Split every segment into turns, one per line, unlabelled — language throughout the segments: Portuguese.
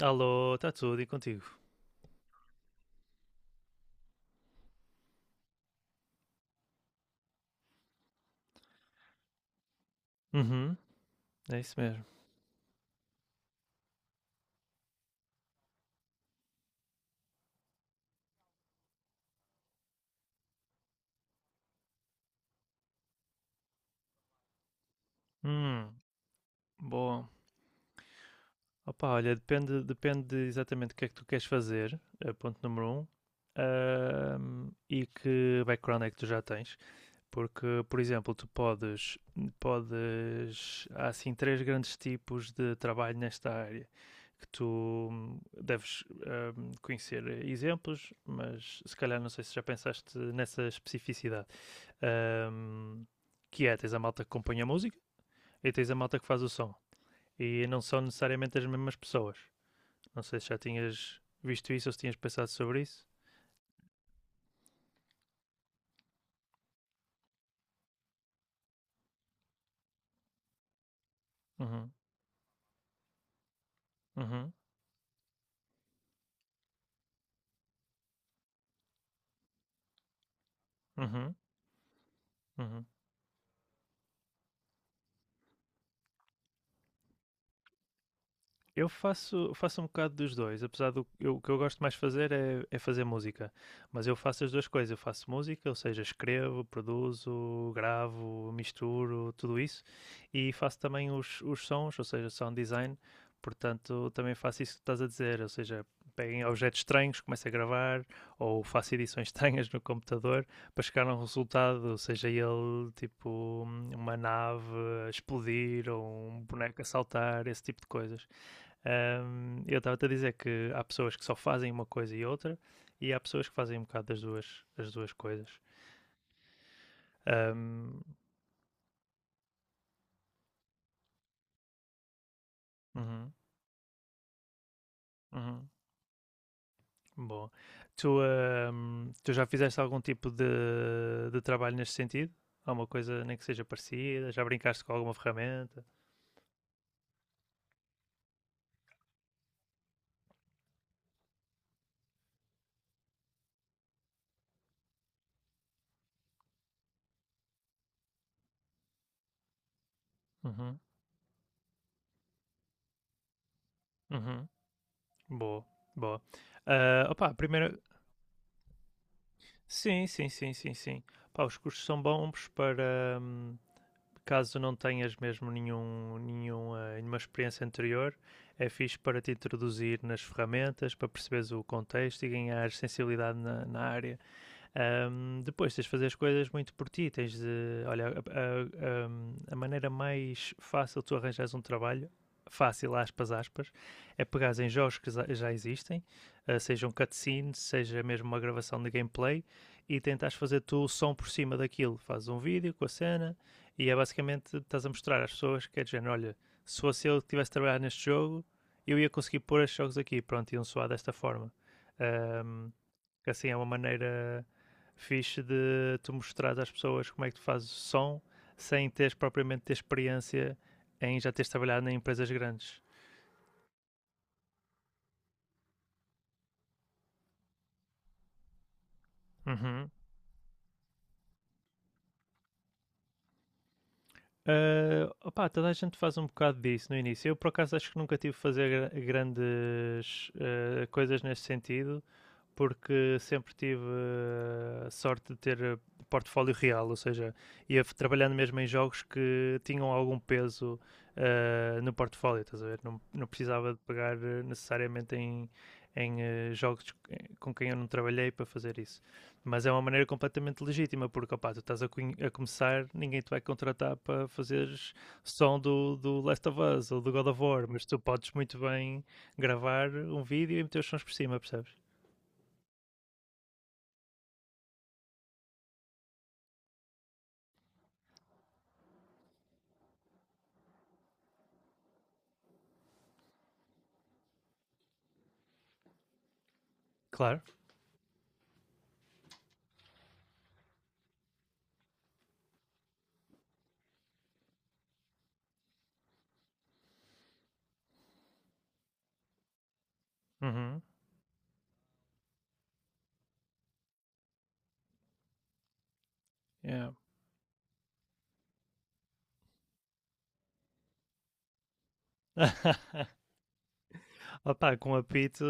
Alô, está tudo e contigo? Uhum, é isso mesmo. Hum, Bom. Opa, olha, depende exatamente o que é que tu queres fazer, é ponto número um, e que background é que tu já tens. Porque, por exemplo, há assim três grandes tipos de trabalho nesta área. Tu deves conhecer exemplos, mas se calhar não sei se já pensaste nessa especificidade. Ahm, que é, tens a malta que compõe a música e tens a malta que faz o som. E não são necessariamente as mesmas pessoas. Não sei se já tinhas visto isso ou se tinhas pensado sobre isso. Uhum, uhum, uhum, uhum. Eu faço um bocado dos dois, apesar do eu, o que eu gosto mais de fazer é fazer música. Mas eu faço as duas coisas, eu faço música, ou seja, escrevo, produzo, gravo, misturo, tudo isso. E faço também os sons, ou seja, sound design. Portanto, também faço isso que estás a dizer, ou seja, pego em objetos estranhos, começo a gravar, ou faço edições estranhas no computador para chegar a um resultado, seja ele tipo uma nave a explodir ou um boneco a saltar, esse tipo de coisas. Eu estava-te a dizer que há pessoas que só fazem uma coisa e outra, e há pessoas que fazem um bocado das duas, as duas coisas. Ahm, uhum, uhum, bom, tu já fizeste algum tipo de trabalho neste sentido? Alguma coisa nem que seja parecida? Já brincaste com alguma ferramenta? Uhum. Uhum. Boa, boa. Ah, opa, primeira. Sim, sim, sim, sim, sim. Pá, os cursos são bons para caso não tenhas mesmo nenhum, nenhuma experiência anterior. É fixe para te introduzir nas ferramentas, para perceberes o contexto e ganhar sensibilidade na área. Depois tens de fazer as coisas muito por ti. Tens de. Olha, maneira mais fácil de tu arranjares um trabalho, fácil, aspas, aspas, é pegares em jogos que existem, uh, seja um seja mesmo uma gravação de gameplay, e tentares fazer tu o som por cima daquilo. Fazes um vídeo com a cena e é basicamente estás a mostrar às pessoas que é de género, olha, se fosse eu que tivesse trabalhado neste jogo, eu ia conseguir pôr estes jogos aqui, pronto, iam soar desta forma. Um, que assim é uma maneira fixe de tu mostrar às pessoas como é que tu fazes o som sem teres propriamente ter experiência em já teres trabalhado em empresas grandes. Uhum. Ah, opá, toda a gente faz um bocado disso no início. Eu, por acaso, acho que nunca tive a fazer grandes coisas nesse sentido, porque sempre tive a sorte de ter portfólio real, ou seja, ia trabalhando mesmo em jogos que tinham algum peso no portfólio, estás a ver? Não, não precisava de pagar necessariamente em jogos com quem eu não trabalhei para fazer isso. Mas é uma maneira completamente legítima, porque opá, tu estás a começar, ninguém te vai contratar para fazeres som do Last of Us ou do God of War, mas tu podes muito bem gravar um vídeo e meter os sons por cima, percebes? Claro. Uhum. Yeah. Opa, com apito,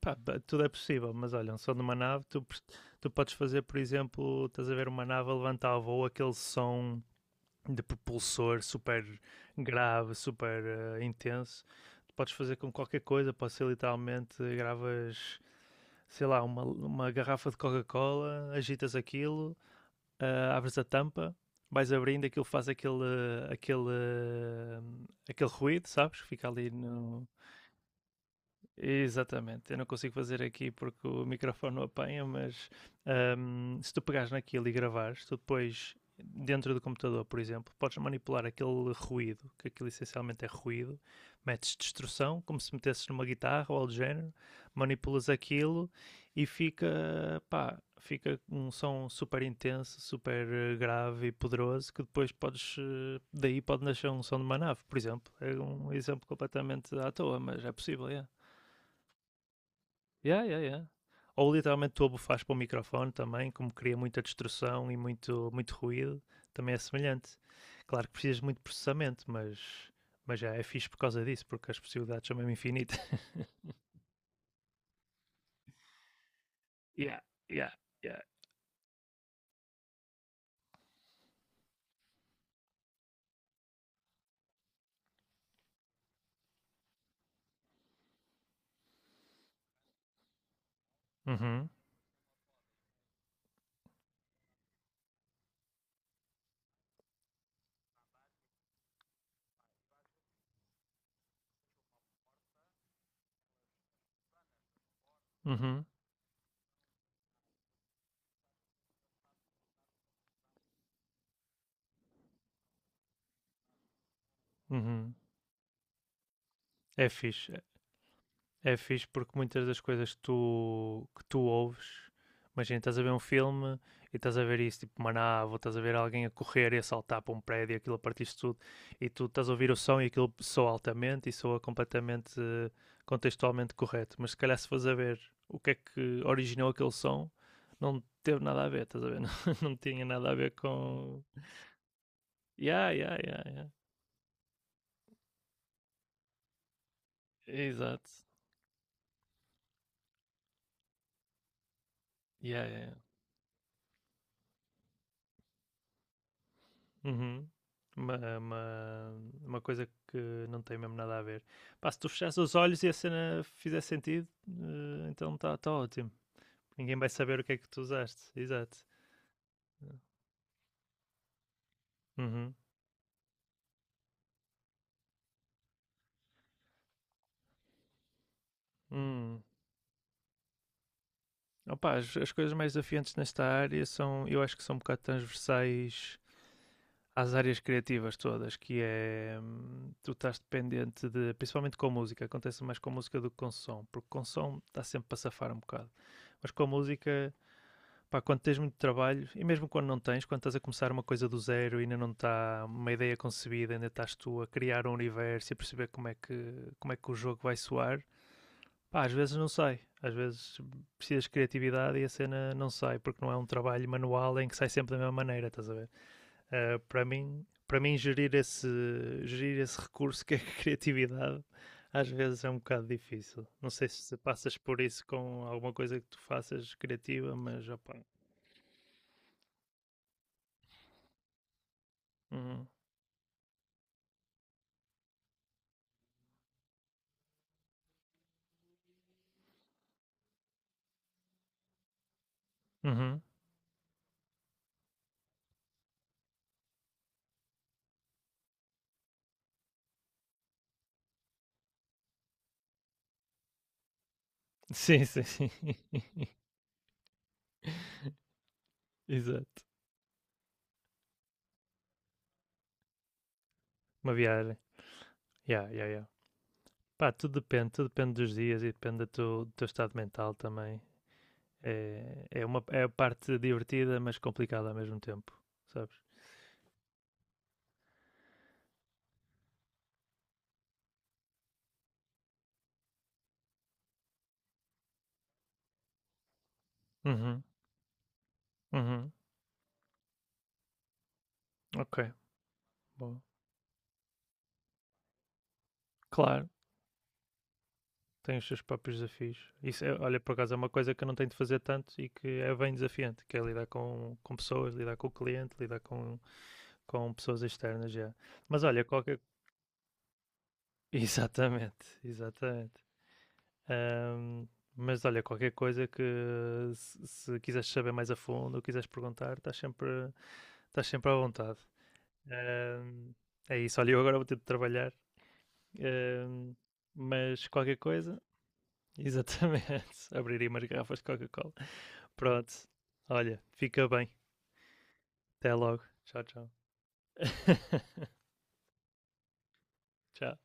pá, pá, tudo é possível, mas olha, um som de uma nave, tu podes fazer, por exemplo, estás a ver uma nave a levantar a voo, aquele som de propulsor super grave, super intenso, tu podes fazer com qualquer coisa, pode ser literalmente, gravas, sei lá, uma garrafa de Coca-Cola, agitas aquilo, abres a tampa, vais abrindo, aquilo faz aquele, eh, aquele ruído, sabes? Fica ali no. Exatamente, eu não consigo fazer aqui porque o microfone não apanha, mas se tu pegares naquilo e gravares, tu depois, dentro do computador, por exemplo, podes manipular aquele ruído, que aquilo essencialmente é ruído, metes distorção, como se metesses numa guitarra ou algo do género, manipulas aquilo e fica, pá, fica um som super intenso, super grave e poderoso, que depois podes, daí pode nascer um som de uma nave, por exemplo. É um exemplo completamente à toa, mas é possível, é. Yeah, yeah, yeah. Ou literalmente tu abufas para o microfone também, como cria muita destrução e muito, muito ruído, também é semelhante. Claro que precisas de muito processamento, mas já é fixe por causa disso, porque as possibilidades são mesmo infinitas. Yeah, yeah, yeah. Uhum, uhum, uhum. É fixe. É fixe porque muitas das coisas que tu ouves, imagina, estás a ver um filme e estás a ver isso, tipo Maná, ou estás a ver alguém a correr e a saltar para um prédio, aquilo a partir de tudo, e tu estás a ouvir o som e aquilo soa altamente e soa completamente contextualmente correto. Mas se calhar se fores a ver o que é que originou aquele som, não teve nada a ver, estás a ver? Não, não tinha nada a ver com. Yeah, yeah, yeah, yeah. Exato. Yeah, yeah, yeah. Uhum. Uma, uma, uma coisa que não tem mesmo nada a ver. Pá, se tu fechares os olhos e a cena fizer sentido, então está tá ótimo. Ninguém vai saber o que é que tu usaste. Exato. Uhum. Hum. Opa, as coisas mais desafiantes nesta área são, eu acho que são um bocado transversais às áreas criativas todas, que é tu estás dependente de, principalmente com a música, acontece mais com a música do que com o som, porque com o som está sempre para safar um bocado, mas com a música. Pá, quando tens muito trabalho, e mesmo quando não tens, quando estás a começar uma coisa do zero e ainda não está uma ideia concebida, ainda estás tu a criar um universo e a perceber como é que o jogo vai soar, pá, às vezes não sai. Às vezes precisas de criatividade e a cena não sai, porque não é um trabalho manual em que sai sempre da mesma maneira, estás a ver? Para mim, gerir esse recurso que é a criatividade às vezes é um bocado difícil. Não sei se passas por isso com alguma coisa que tu faças criativa, mas opa. Hum. Uhum. Sim, sim, sim. Exato. Uma viagem. Yeah, yeah, yeah. Pá, tudo depende dos dias e depende do teu estado mental também. É a parte divertida, mas complicada ao mesmo tempo, sabes? Uhum, uhum, ok, bom. Claro, tem os seus próprios desafios. Isso é, olha, por acaso é uma coisa que eu não tenho de fazer tanto e que é bem desafiante, que é lidar com pessoas, lidar com o cliente, lidar com pessoas externas já. Mas olha, qualquer. Exatamente, exatamente. Ahm, mas olha, qualquer coisa que se quiseres saber mais a fundo ou quiseres perguntar, estás sempre à vontade. Ahm, É isso, olha, eu agora vou ter de trabalhar, ahm, mas qualquer coisa, exatamente, abriria umas garrafas de Coca-Cola. Pronto, olha, fica bem. Até logo. Tchau, tchau. Tchau.